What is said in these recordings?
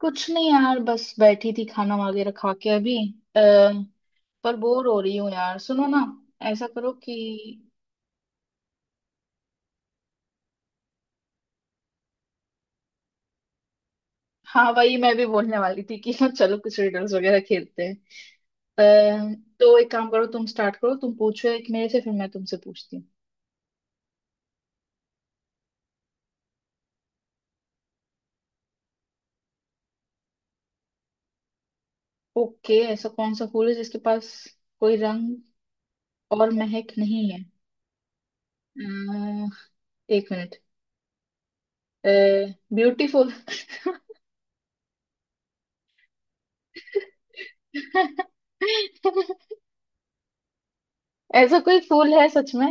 कुछ नहीं यार, बस बैठी थी, खाना वगैरह खा के अभी। आ, पर बोर हो रही हूँ यार। सुनो ना, ऐसा करो कि हाँ, वही मैं भी बोलने वाली थी कि हाँ चलो, कुछ रिडल्स वगैरह खेलते हैं। तो एक काम करो, तुम स्टार्ट करो, तुम पूछो एक मेरे से, फिर मैं तुमसे पूछती हूँ। ओके, ऐसा कौन सा फूल है जिसके पास कोई रंग और महक नहीं है। अ, एक मिनट। ब्यूटीफुल। ऐसा कोई फूल है सच में?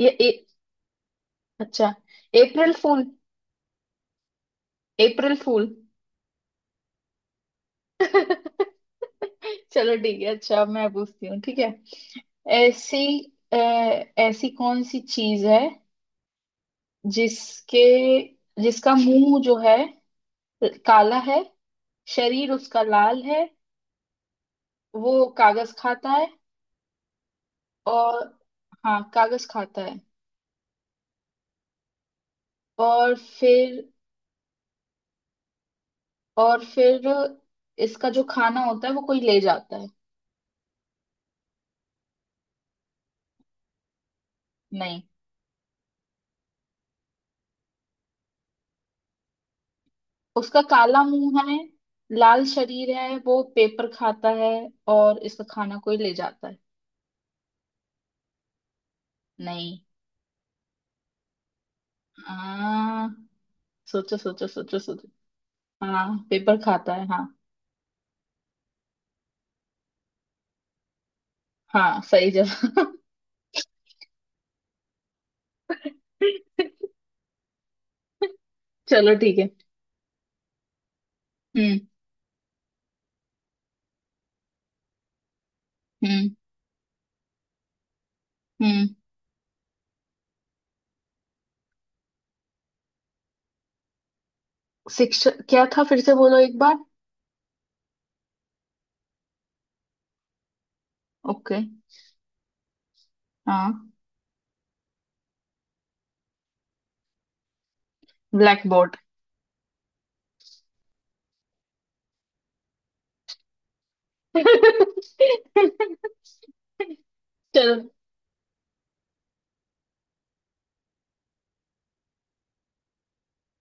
ये अच्छा, अप्रैल फूल। अप्रैल फूल। चलो ठीक है। अच्छा अब मैं पूछती हूँ, ठीक है। ऐसी अ, ऐसी कौन सी चीज है जिसके जिसका मुंह जो है, काला है, शरीर उसका लाल है, वो कागज खाता है। और हाँ, कागज खाता है। और फिर, और फिर इसका जो खाना होता है, वो कोई ले जाता है। नहीं। उसका काला मुंह है, लाल शरीर है, वो पेपर खाता है और इसका खाना कोई ले जाता है। नहीं। हाँ, सोचो सोचो सोचो सोचो। हाँ, पेपर खाता है हाँ। हाँ सही जवाब। चलो ठीक है। हम्म। हम्म। हम्म। शिक्षा क्या था, फिर से बोलो एक बार। ओके। हाँ। Black board. चलो।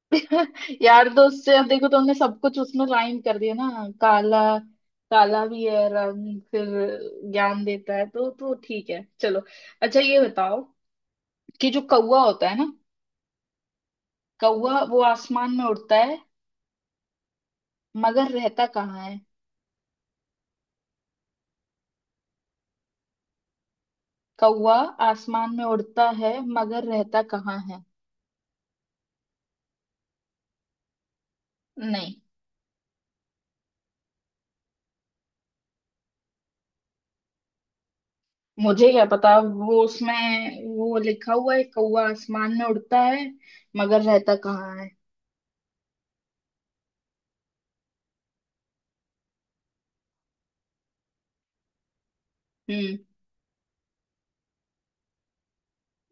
यार दोस्त से अब देखो, तुमने सब कुछ उसमें लाइन कर दिया ना। काला, काला भी है, रंग फिर ज्ञान देता है तो ठीक है चलो। अच्छा ये बताओ कि जो कौवा होता है ना, कौवा वो आसमान में उड़ता है मगर रहता कहाँ है? कौवा आसमान में उड़ता है मगर रहता कहाँ है? नहीं। मुझे क्या पता, वो उसमें वो लिखा हुआ है, कौवा आसमान में उड़ता है मगर रहता कहाँ है। हम्म।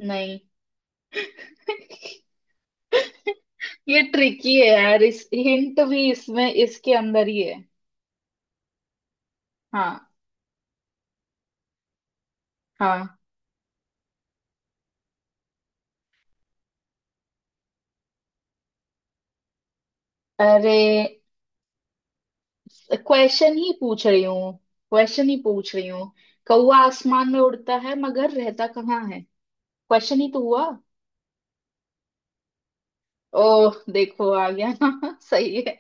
नहीं। ये ट्रिकी है यार, इस हिंट भी इसमें इसके अंदर ही है। हाँ। हाँ। अरे, क्वेश्चन ही पूछ रही हूँ, क्वेश्चन ही पूछ रही हूँ। कौवा आसमान में उड़ता है मगर रहता कहाँ है, क्वेश्चन ही तो हुआ। ओह देखो आ गया ना। सही है,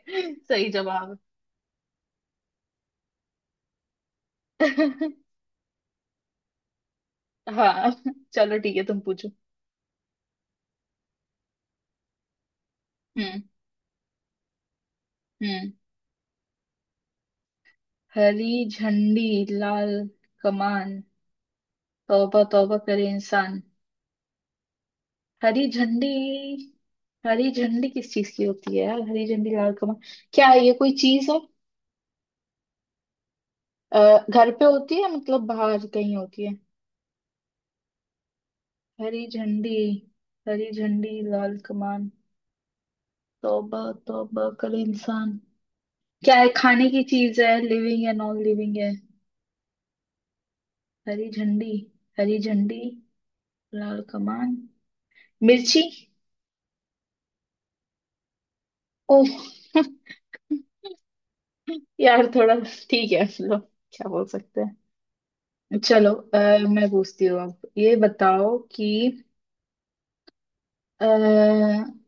सही जवाब। हाँ चलो ठीक है, तुम पूछो। हम्म। हम्म। हरी झंडी, लाल कमान, तौबा तौबा करे इंसान। हरी झंडी, हरी झंडी किस चीज की होती है यार? हरी झंडी, लाल कमल, क्या है ये, कोई चीज है? अ, घर पे होती है मतलब, बाहर कहीं होती है? हरी झंडी, हरी झंडी लाल कमान, तौबा तौबा करे इंसान। क्या है, खाने की चीज है, लिविंग है, नॉन लिविंग है? हरी झंडी, हरी झंडी लाल कमान, मिर्ची। ओह। यार थोड़ा, ठीक है लो, क्या बोल सकते हैं। चलो मैं पूछती हूँ अब, ये बताओ कि अ,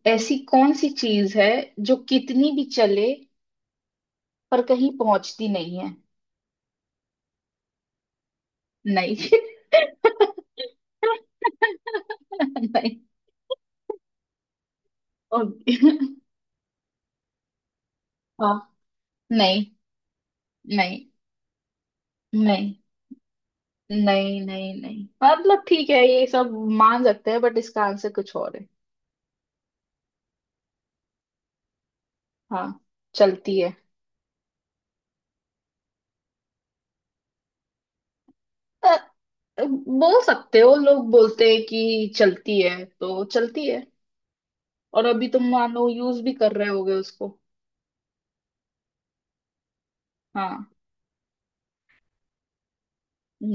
ऐसी कौन सी चीज है जो कितनी भी चले पर कहीं पहुंचती नहीं है? नहीं। नहीं। ओके। हाँ। नहीं। नहीं। नहीं नहीं नहीं नहीं मतलब ठीक है ये सब मान सकते हैं, बट इसका आंसर कुछ और है। हाँ, चलती है। अ, बोल सकते हो, लोग बोलते हैं कि चलती है तो चलती है, और अभी तुम मान लो यूज भी कर रहे होगे उसको। हाँ।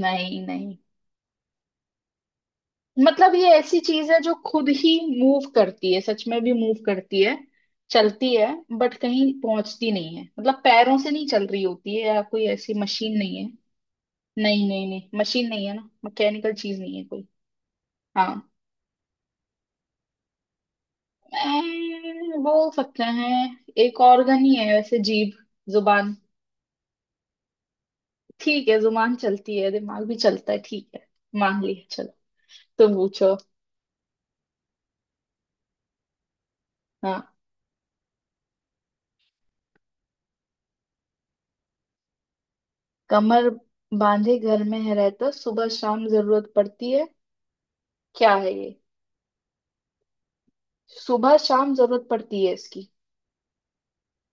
नहीं नहीं, मतलब ये ऐसी चीज है जो खुद ही मूव करती है, सच में भी मूव करती है, चलती है बट कहीं पहुंचती नहीं है। मतलब पैरों से नहीं चल रही होती है या कोई ऐसी मशीन नहीं है। नहीं नहीं नहीं, मशीन नहीं है ना, मैकेनिकल चीज नहीं है कोई। हाँ। बोल सकते हैं, एक ऑर्गन ही है वैसे। जीभ, जुबान। ठीक है, जुबान चलती है, दिमाग भी चलता है, ठीक है मान लिया। चलो तुम पूछो। हाँ। कमर बांधे घर में है रहता, सुबह शाम जरूरत पड़ती है, क्या है ये? सुबह शाम जरूरत पड़ती है इसकी,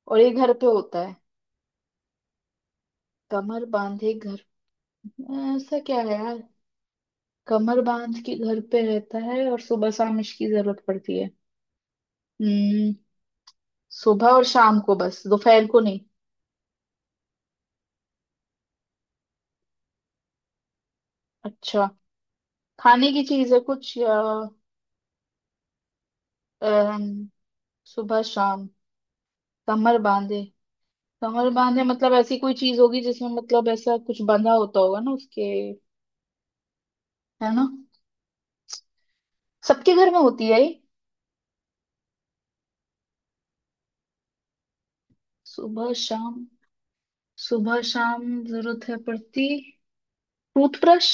और ये घर पे होता है। कमर बांधे घर, ऐसा क्या है यार? कमर बांध के घर पे रहता है और सुबह शाम इसकी जरूरत पड़ती है। हम्म, सुबह और शाम को बस, दोपहर को नहीं? अच्छा, खाने की चीज है कुछ या? अम, सुबह शाम, कमर बांधे, कमर बांधे मतलब ऐसी कोई चीज होगी जिसमें मतलब ऐसा कुछ बंधा होता होगा ना उसके, है ना? सबके घर में होती है ये? सुबह शाम, सुबह शाम जरूरत है पड़ती, टूथब्रश।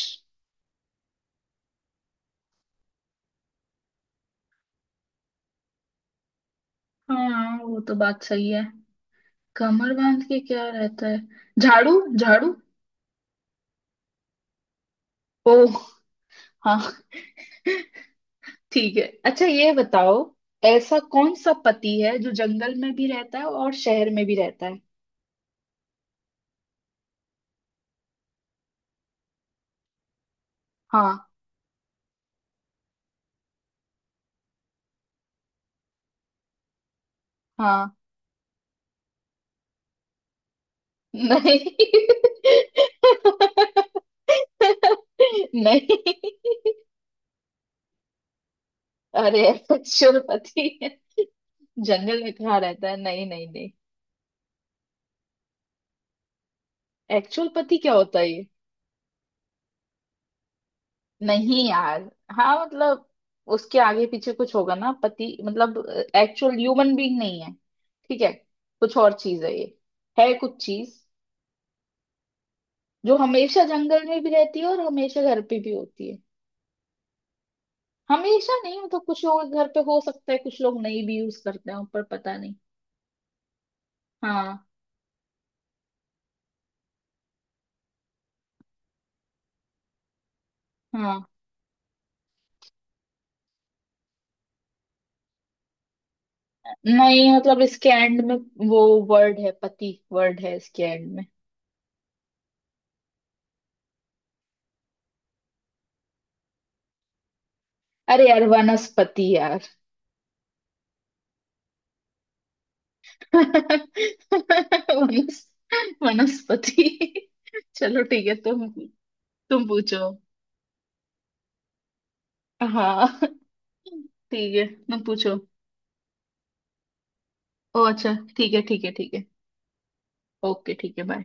हाँ वो तो बात सही है। कमर बांध के क्या रहता है, झाड़ू, झाड़ू। ओ हाँ। ठीक है, अच्छा ये बताओ, ऐसा कौन सा पति है जो जंगल में भी रहता है और शहर में भी रहता है? हाँ। हाँ। नहीं। नहीं, अरे एक्चुअल पति है, जंगल में कहाँ रहता है? नहीं नहीं नहीं, एक्चुअल पति क्या होता है ये? नहीं यार। हाँ मतलब उसके आगे पीछे कुछ होगा ना, पति मतलब एक्चुअल ह्यूमन बीइंग नहीं है, ठीक है, कुछ और चीज है ये। है कुछ चीज जो हमेशा जंगल में भी रहती है और हमेशा घर पे भी होती है। हमेशा नहीं मतलब, कुछ लोगों के घर पे हो सकता है कुछ लोग नहीं भी यूज करते हो, पर पता नहीं। हाँ। हाँ। नहीं मतलब इसके एंड में वो वर्ड है, पति वर्ड है इसके एंड में। अरे यार, वनस्पति यार। वनस, वनस्पति। चलो ठीक है, तुम पूछो। हाँ ठीक है, तुम पूछो। ओ अच्छा ठीक है, ठीक है ठीक है। ओके ठीक है, बाय।